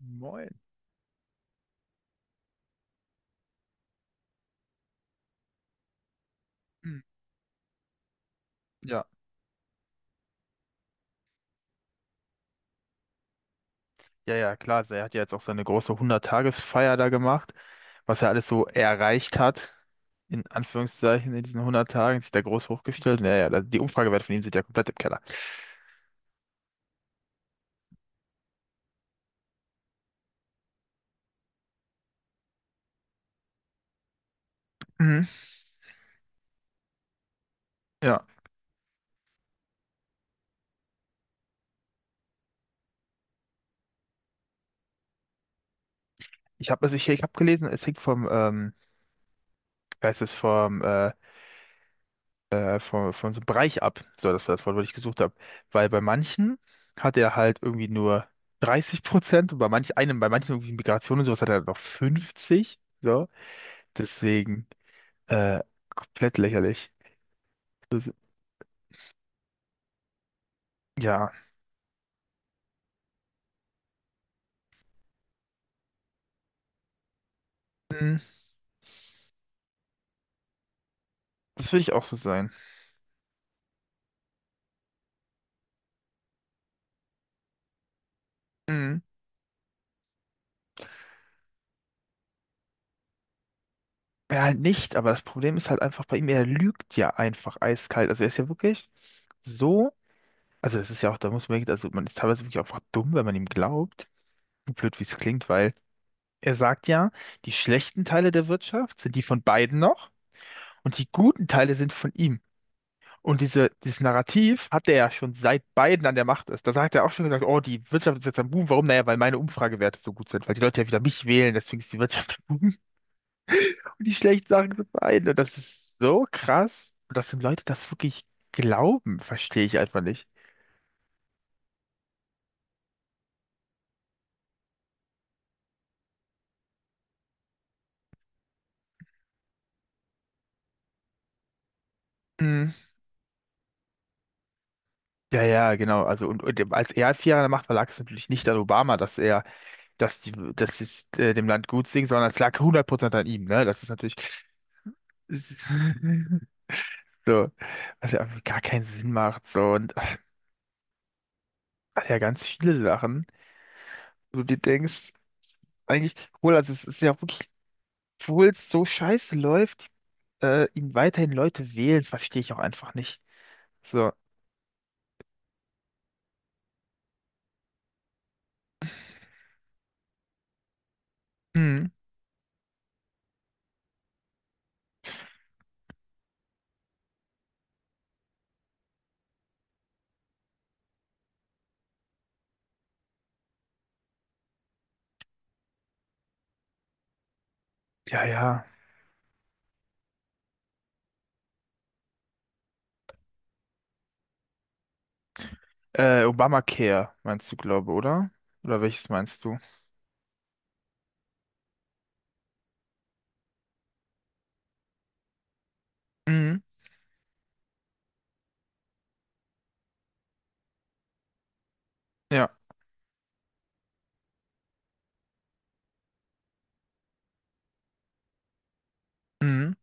Moin. Hm. Ja, ja, ja, klar. Also er hat ja jetzt auch seine große 100 Feier da gemacht, was er alles so erreicht hat, in Anführungszeichen, in diesen 100 Tagen, sich da groß hochgestellt. Naja, ja, die Umfragewerte von ihm sind ja komplett im Keller. Mhm. Ja, ich habe also ich habe gelesen, es hängt vom, wie heißt es, von so einem Bereich ab. So, das war das Wort, was ich gesucht habe. Weil bei manchen hat er halt irgendwie nur 30% und bei manchen irgendwie Migration und sowas hat er halt noch 50. So, deswegen. Äh, Komplett lächerlich. Das, ja, hm. Das würde ich auch so sein. Hm. Ja, halt nicht, aber das Problem ist halt einfach bei ihm, er lügt ja einfach eiskalt. Also er ist ja wirklich so, also das ist ja auch, da muss man wirklich, also man ist teilweise wirklich einfach dumm, wenn man ihm glaubt. So blöd, wie es klingt, weil er sagt ja, die schlechten Teile der Wirtschaft sind die von beiden noch und die guten Teile sind von ihm. Und dieses Narrativ hat er ja schon, seit Biden an der Macht ist. Da hat er auch schon gesagt, oh, die Wirtschaft ist jetzt am Boom. Warum? Naja, weil meine Umfragewerte so gut sind, weil die Leute ja wieder mich wählen, deswegen ist die Wirtschaft am Boom. Und die schlechten Sachen sind Biden. Und das ist so krass. Und dass die Leute das wirklich glauben, verstehe ich einfach nicht. Mhm. Ja, ja, genau. Also und als er 4 Jahre an der Macht war, lag es natürlich nicht an Obama, dass er, dass die, dass es dem Land gut ging, sondern es lag 100% an ihm, ne? Das ist natürlich. So, was ja irgendwie gar keinen Sinn macht. So, und ach, hat ja ganz viele Sachen, wo du denkst, eigentlich, cool, also es ist ja wirklich, obwohl es so scheiße läuft, ihn weiterhin Leute wählen, verstehe ich auch einfach nicht. So, hm, ja, ja. Obamacare meinst du, glaube, oder? Oder welches meinst du? Mhm, ja, mhm,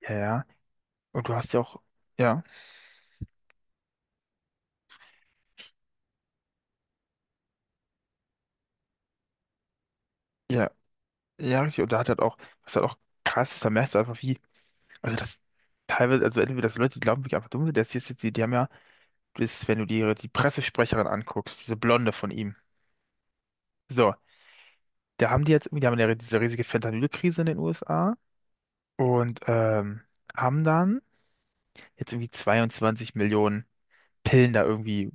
ja, ja. Und du hast ja auch, ja, ja, ja, richtig. Und da hat halt auch, was halt auch krass ist, da merkst du einfach, wie, also das teilweise, also entweder, dass Leute die glauben, wirklich einfach dumm sind, das hier ist jetzt, die haben ja ist, wenn du dir die Pressesprecherin anguckst, diese Blonde von ihm. So, da haben die jetzt, irgendwie, die haben ja diese riesige Fentanyl-Krise in den USA und haben dann jetzt irgendwie 22 Millionen Pillen da irgendwie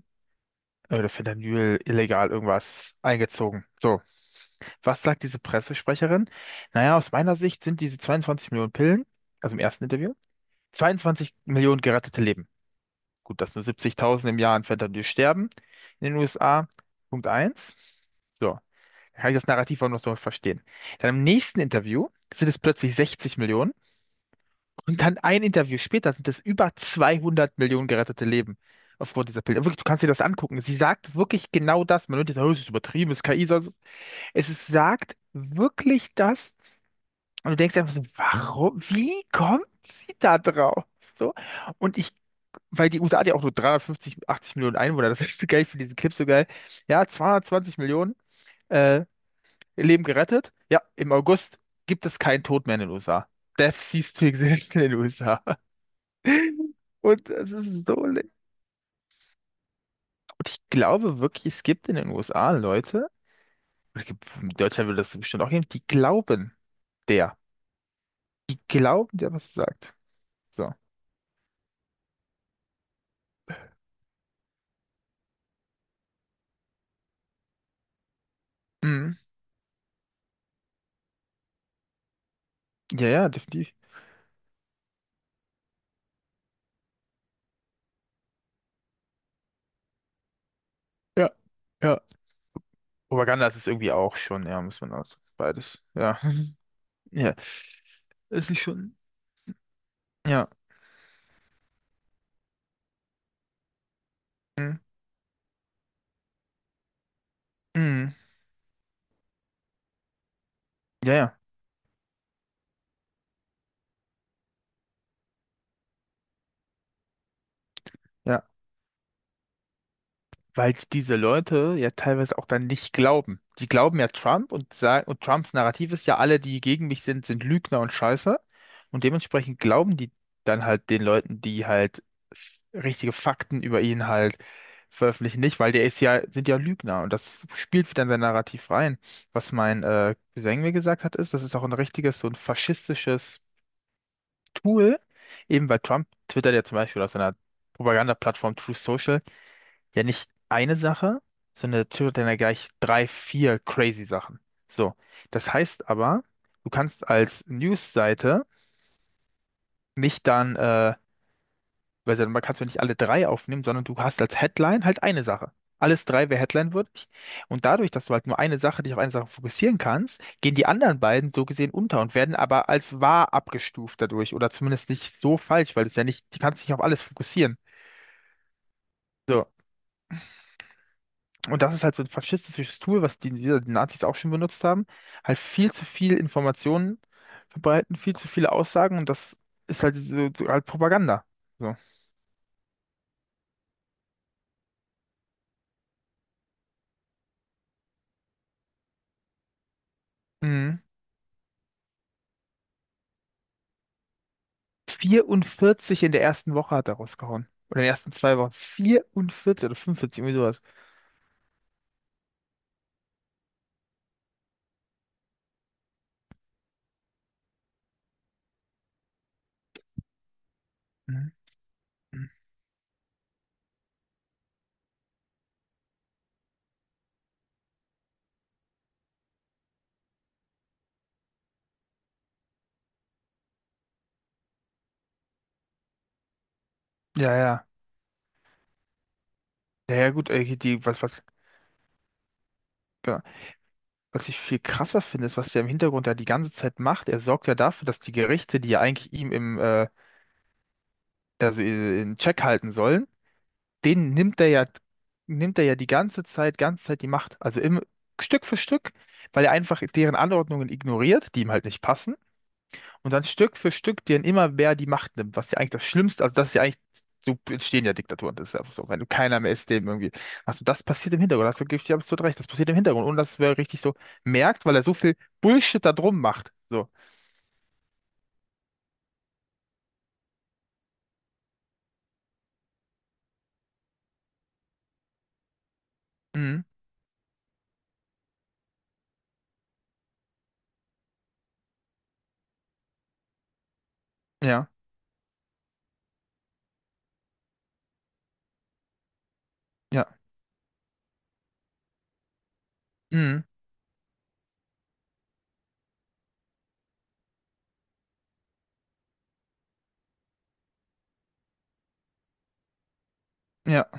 oder Fentanyl illegal irgendwas eingezogen. So, was sagt diese Pressesprecherin? Naja, aus meiner Sicht sind diese 22 Millionen Pillen, also im ersten Interview, 22 Millionen gerettete Leben. Gut, dass nur 70.000 im Jahr an Fentanyl sterben in den USA. Punkt eins. So, kann ich das Narrativ auch noch so verstehen. Dann im nächsten Interview sind es plötzlich 60 Millionen und dann ein Interview später sind es über 200 Millionen gerettete Leben aufgrund dieser Bilder. Wirklich, du kannst dir das angucken. Sie sagt wirklich genau das. Man hört jetzt, oh, es ist übertrieben, es ist KI. Sonst Es ist, sagt wirklich das und du denkst einfach so, warum, wie kommt sie da drauf? So. Und ich, weil die USA hat ja auch nur 350, 80 Millionen Einwohner, das ist so geil, für diesen Clip so geil. Ja, 220 Millionen. Äh, Ihr Leben gerettet. Ja, im August gibt es keinen Tod mehr in den USA. Death ceased to exist in den USA. Und das ist so. Und ich glaube wirklich, es gibt in den USA Leute, in Deutschland würde das bestimmt auch geben, die glauben der. Die glauben der, was sagt. So. Mhm. Ja, ja, definitiv. Ja, ja. Propaganda ist es irgendwie auch schon, ja, muss man aus. Beides. Ja. Ja. Es ist schon. Ja. Mhm. Mhm. Ja, ja. Ja. Weil diese Leute ja teilweise auch dann nicht glauben. Die glauben ja Trump und sagen, und Trumps Narrativ ist ja, alle, die gegen mich sind, sind Lügner und Scheiße. Und dementsprechend glauben die dann halt den Leuten, die halt f- richtige Fakten über ihn halt veröffentlichen, nicht, weil der ist ja, sind ja Lügner und das spielt wieder in sein Narrativ rein. Was mein Cousin mir gesagt hat, ist, das ist auch ein richtiges, so ein faschistisches Tool, eben weil Trump twittert ja zum Beispiel auf seiner Propagandaplattform Truth Social, ja, nicht eine Sache, sondern der Typ hat dann ja gleich drei, vier crazy Sachen. So, das heißt aber, du kannst als News-Seite nicht dann, weil man kannst du nicht alle drei aufnehmen, sondern du hast als Headline halt eine Sache. Alles drei wäre Headline-würdig. Und dadurch, dass du halt nur eine Sache, dich auf eine Sache fokussieren kannst, gehen die anderen beiden so gesehen unter und werden aber als wahr abgestuft dadurch oder zumindest nicht so falsch, weil du es ja nicht, du kannst dich auf alles fokussieren. So, und das ist halt so ein faschistisches Tool, was die Nazis auch schon benutzt haben. Halt viel zu viel Informationen verbreiten, viel zu viele Aussagen und das ist halt, so, so halt Propaganda. So. Mhm. 44 in der ersten Woche hat er rausgehauen. Oder in den ersten 2 Wochen. 44 oder 45, irgendwie sowas. Mhm. Mhm. Ja, ja. Ja, ja, gut, genau. Was ich viel krasser finde, ist, was der im Hintergrund ja die ganze Zeit macht. Er sorgt ja dafür, dass die Gerichte, die ja eigentlich ihm also in Check halten sollen, den nimmt er ja, die ganze Zeit die Macht. Also im, Stück für Stück, weil er einfach deren Anordnungen ignoriert, die ihm halt nicht passen. Und dann Stück für Stück denen immer mehr die Macht nimmt, was ja eigentlich das Schlimmste, also das ist ja eigentlich, so entstehen ja Diktaturen, das ist einfach so, wenn du keiner mehr ist, dem irgendwie, also das passiert im Hintergrund, hast du gebe ich dir absolut recht, das passiert im Hintergrund, ohne dass wer richtig so merkt, weil er so viel Bullshit da drum macht. So, mhm. Ja, ja, mhm. Ja.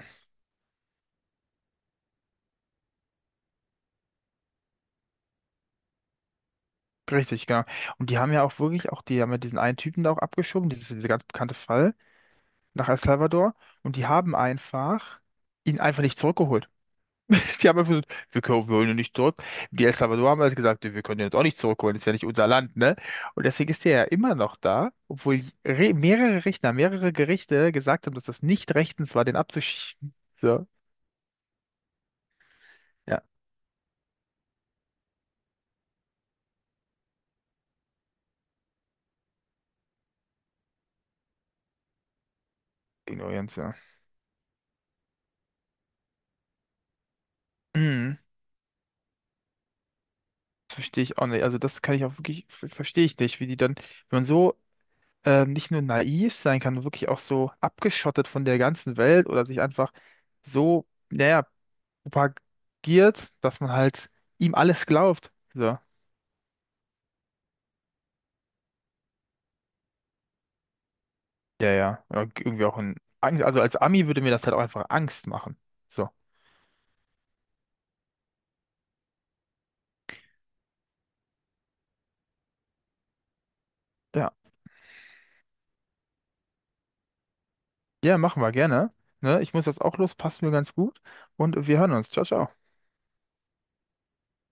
Richtig, genau. Und die haben ja auch wirklich, auch die haben ja diesen einen Typen da auch abgeschoben, dieser ganz bekannte Fall nach El Salvador. Und die haben einfach ihn einfach nicht zurückgeholt. Die haben einfach gesagt, wir holen ihn nicht zurück. Die El Salvador haben also gesagt, wir können ihn jetzt auch nicht zurückholen, ist ja nicht unser Land, ne? Und deswegen ist der ja immer noch da, obwohl re mehrere Richter, mehrere Gerichte gesagt haben, dass das nicht rechtens war, den abzuschieben. So, ja, Ignoranz, ja. Mhm. Das verstehe ich auch nicht. Also das kann ich auch wirklich, verstehe ich nicht, wie die dann, wenn man so nicht nur naiv sein kann, sondern wirklich auch so abgeschottet von der ganzen Welt oder sich einfach so, naja, propagiert, dass man halt ihm alles glaubt. So. Ja, ja. Ja, irgendwie auch ein Angst. Also als Ami würde mir das halt auch einfach Angst machen. So. Ja. Ja, machen wir gerne. Ne? Ich muss jetzt auch los, passt mir ganz gut. Und wir hören uns. Ciao, ciao.